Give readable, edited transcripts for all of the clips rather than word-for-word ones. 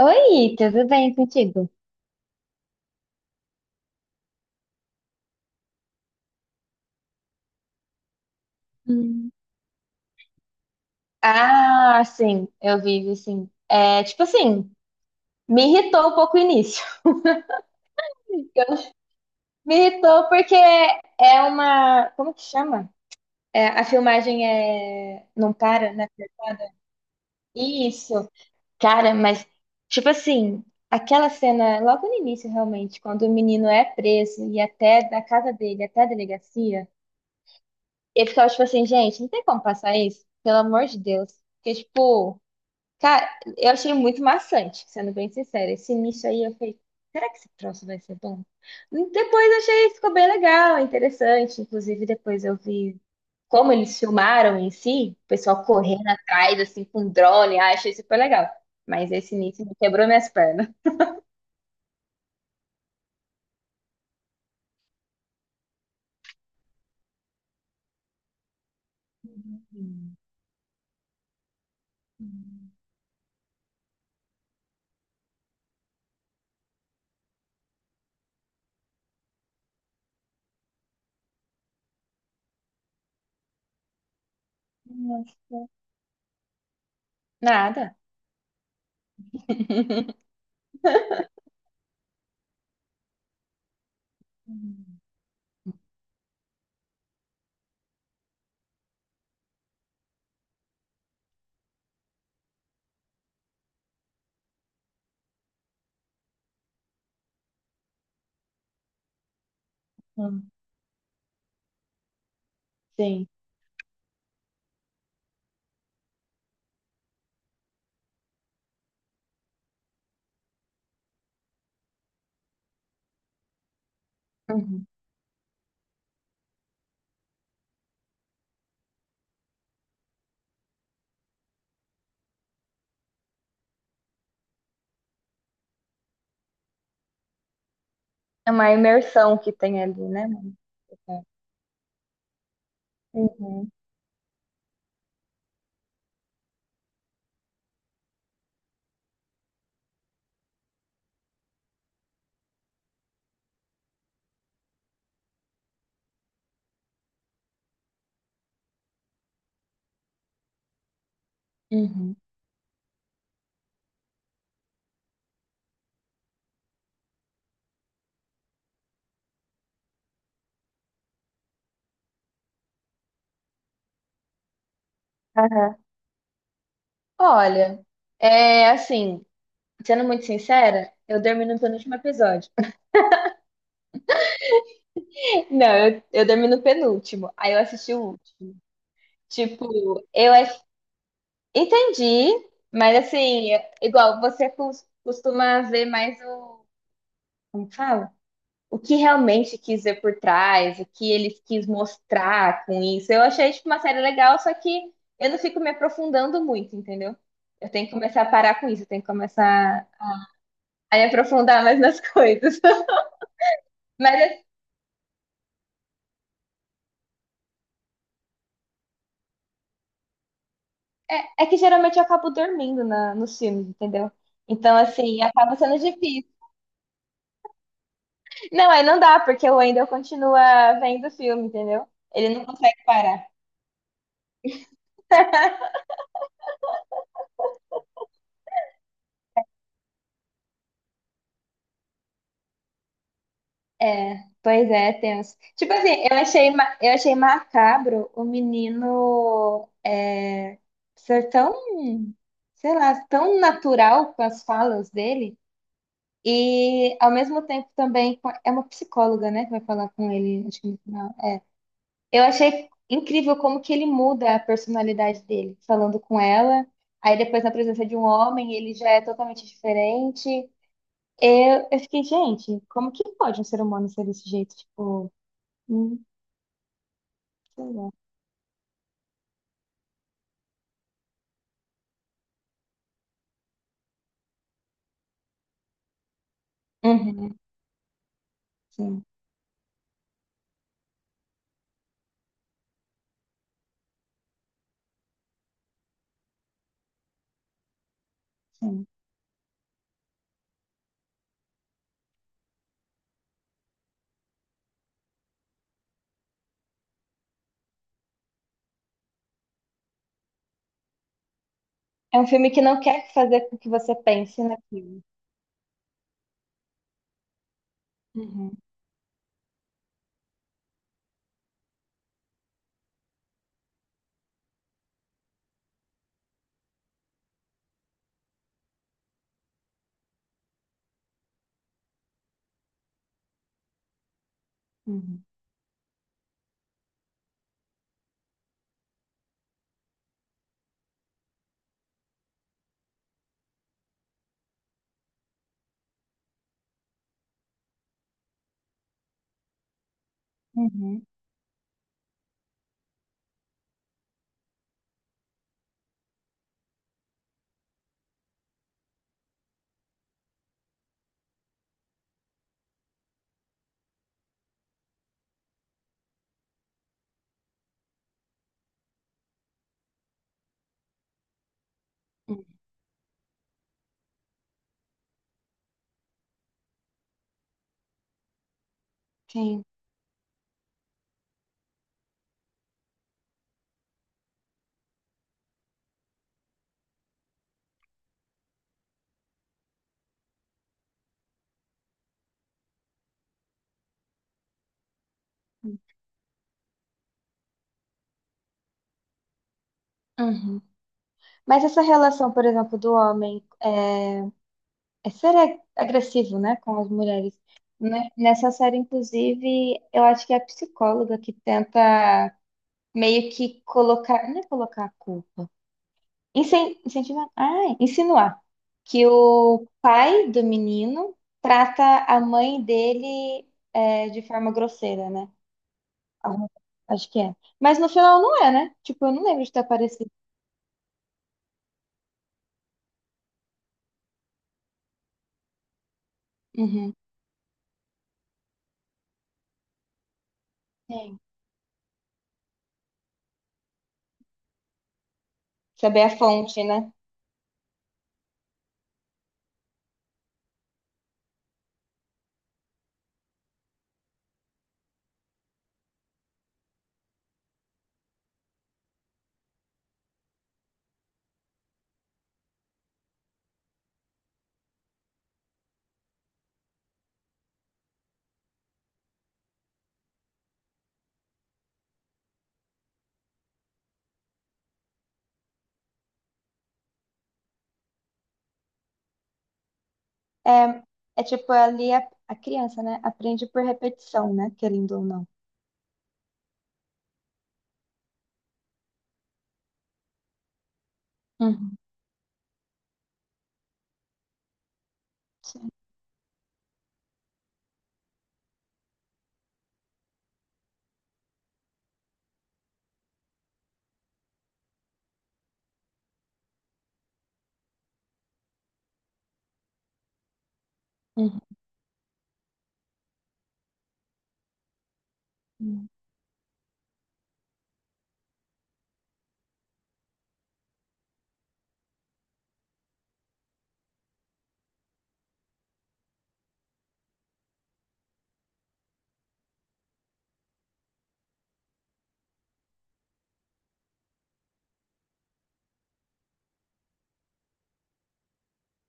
Oi, tudo bem contigo? Hum. Ah, sim, eu vivo sim. É, tipo assim, me irritou um pouco o início. Me irritou porque é uma. Como que chama? É, a filmagem é. Não para, né? Isso, cara, mas. Tipo assim, aquela cena logo no início, realmente, quando o menino é preso e até da casa dele até a delegacia, eu ficava tipo assim, gente, não tem como passar isso? Pelo amor de Deus. Porque, tipo. Cara, eu achei muito maçante, sendo bem sincera. Esse início aí eu falei, será que esse troço vai ser bom? Depois eu achei, ficou bem legal, é interessante. Inclusive, depois eu vi como eles filmaram em si, o pessoal correndo atrás, assim, com drone. Ah, achei super legal. Mas esse início me quebrou minhas pernas. Hum, Nossa. Nada. Hum, hum, sim. Uhum. É uma imersão que tem ali, né, mano? Uhum. Uhum. Aham. Olha, é assim, sendo muito sincera, eu dormi no penúltimo episódio. Não, eu dormi no penúltimo, aí eu assisti o último. Tipo, eu ass- entendi, mas assim, igual você costuma ver mais o, como que fala? O que realmente quis ver por trás, o que ele quis mostrar com isso. Eu achei, tipo, uma série legal, só que eu não fico me aprofundando muito, entendeu? Eu tenho que começar a parar com isso, eu tenho que começar a me aprofundar mais nas coisas. Mas é que geralmente eu acabo dormindo nos filmes, entendeu? Então, assim, acaba sendo difícil. Não, aí não dá, porque o Wendell continua vendo o filme, entendeu? Ele não consegue parar. É, pois é, tenso. Tipo assim, eu achei, eu achei macabro o menino ser tão, sei lá, tão natural com as falas dele. E ao mesmo tempo também é uma psicóloga, né, que vai falar com ele, acho que no final. É. Eu achei incrível como que ele muda a personalidade dele, falando com ela. Aí depois, na presença de um homem, ele já é totalmente diferente. Eu fiquei, gente, como que pode um ser humano ser desse jeito? Tipo, hum, sei lá. Uhum, sim, sim. É um filme que não quer fazer com que você pense naquilo. Uhum, uhum, uhum, uhum. Sim. Uhum. Mas essa relação, por exemplo, do homem é ser agressivo, né, com as mulheres. Né? Nessa série, inclusive, eu acho que é a psicóloga que tenta meio que colocar, não é colocar a culpa, incentivar, ah, insinuar que o pai do menino trata a mãe dele de forma grosseira, né? Alguma- Acho que é. Mas no final não é, né? Tipo, eu não lembro de ter aparecido. Uhum. Sim. Saber a fonte, né? É, é tipo, ali a criança, né? Aprende por repetição, né? Querendo ou não. Uhum, sim. Uhum, uhum,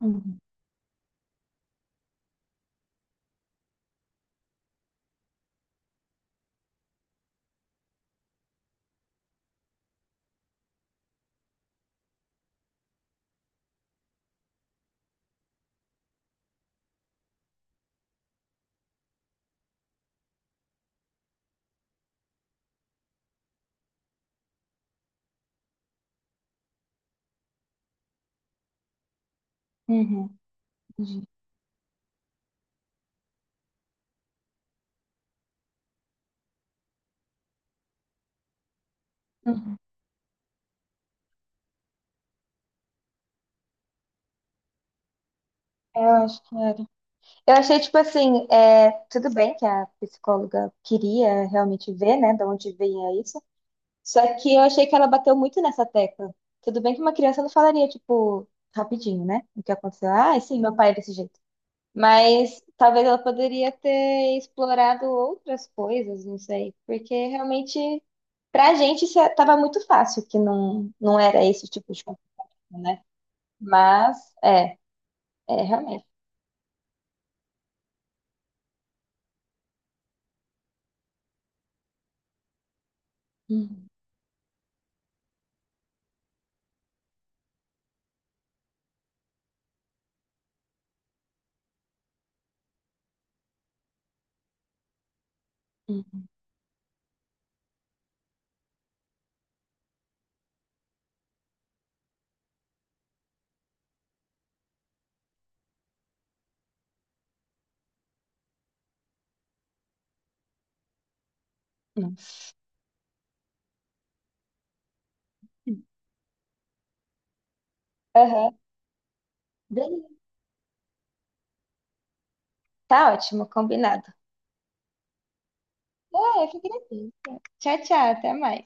uhum, uhum, entendi. Uhum. Eu acho que era. Eu achei, tipo assim, tudo bem que a psicóloga queria realmente ver, né, de onde vinha isso. Só que eu achei que ela bateu muito nessa tecla. Tudo bem que uma criança não falaria, tipo, rapidinho, né? O que aconteceu? Ah, sim, meu pai é desse jeito. Mas talvez ela poderia ter explorado outras coisas, não sei. Porque realmente, pra gente, isso estava muito fácil que não era esse tipo de conflito, né? Mas, é, é realmente. Uhum, uhum, uhum. Aham. Beleza. Tá ótimo, combinado. Ah, eu que agradeço. Tchau, tchau, até mais.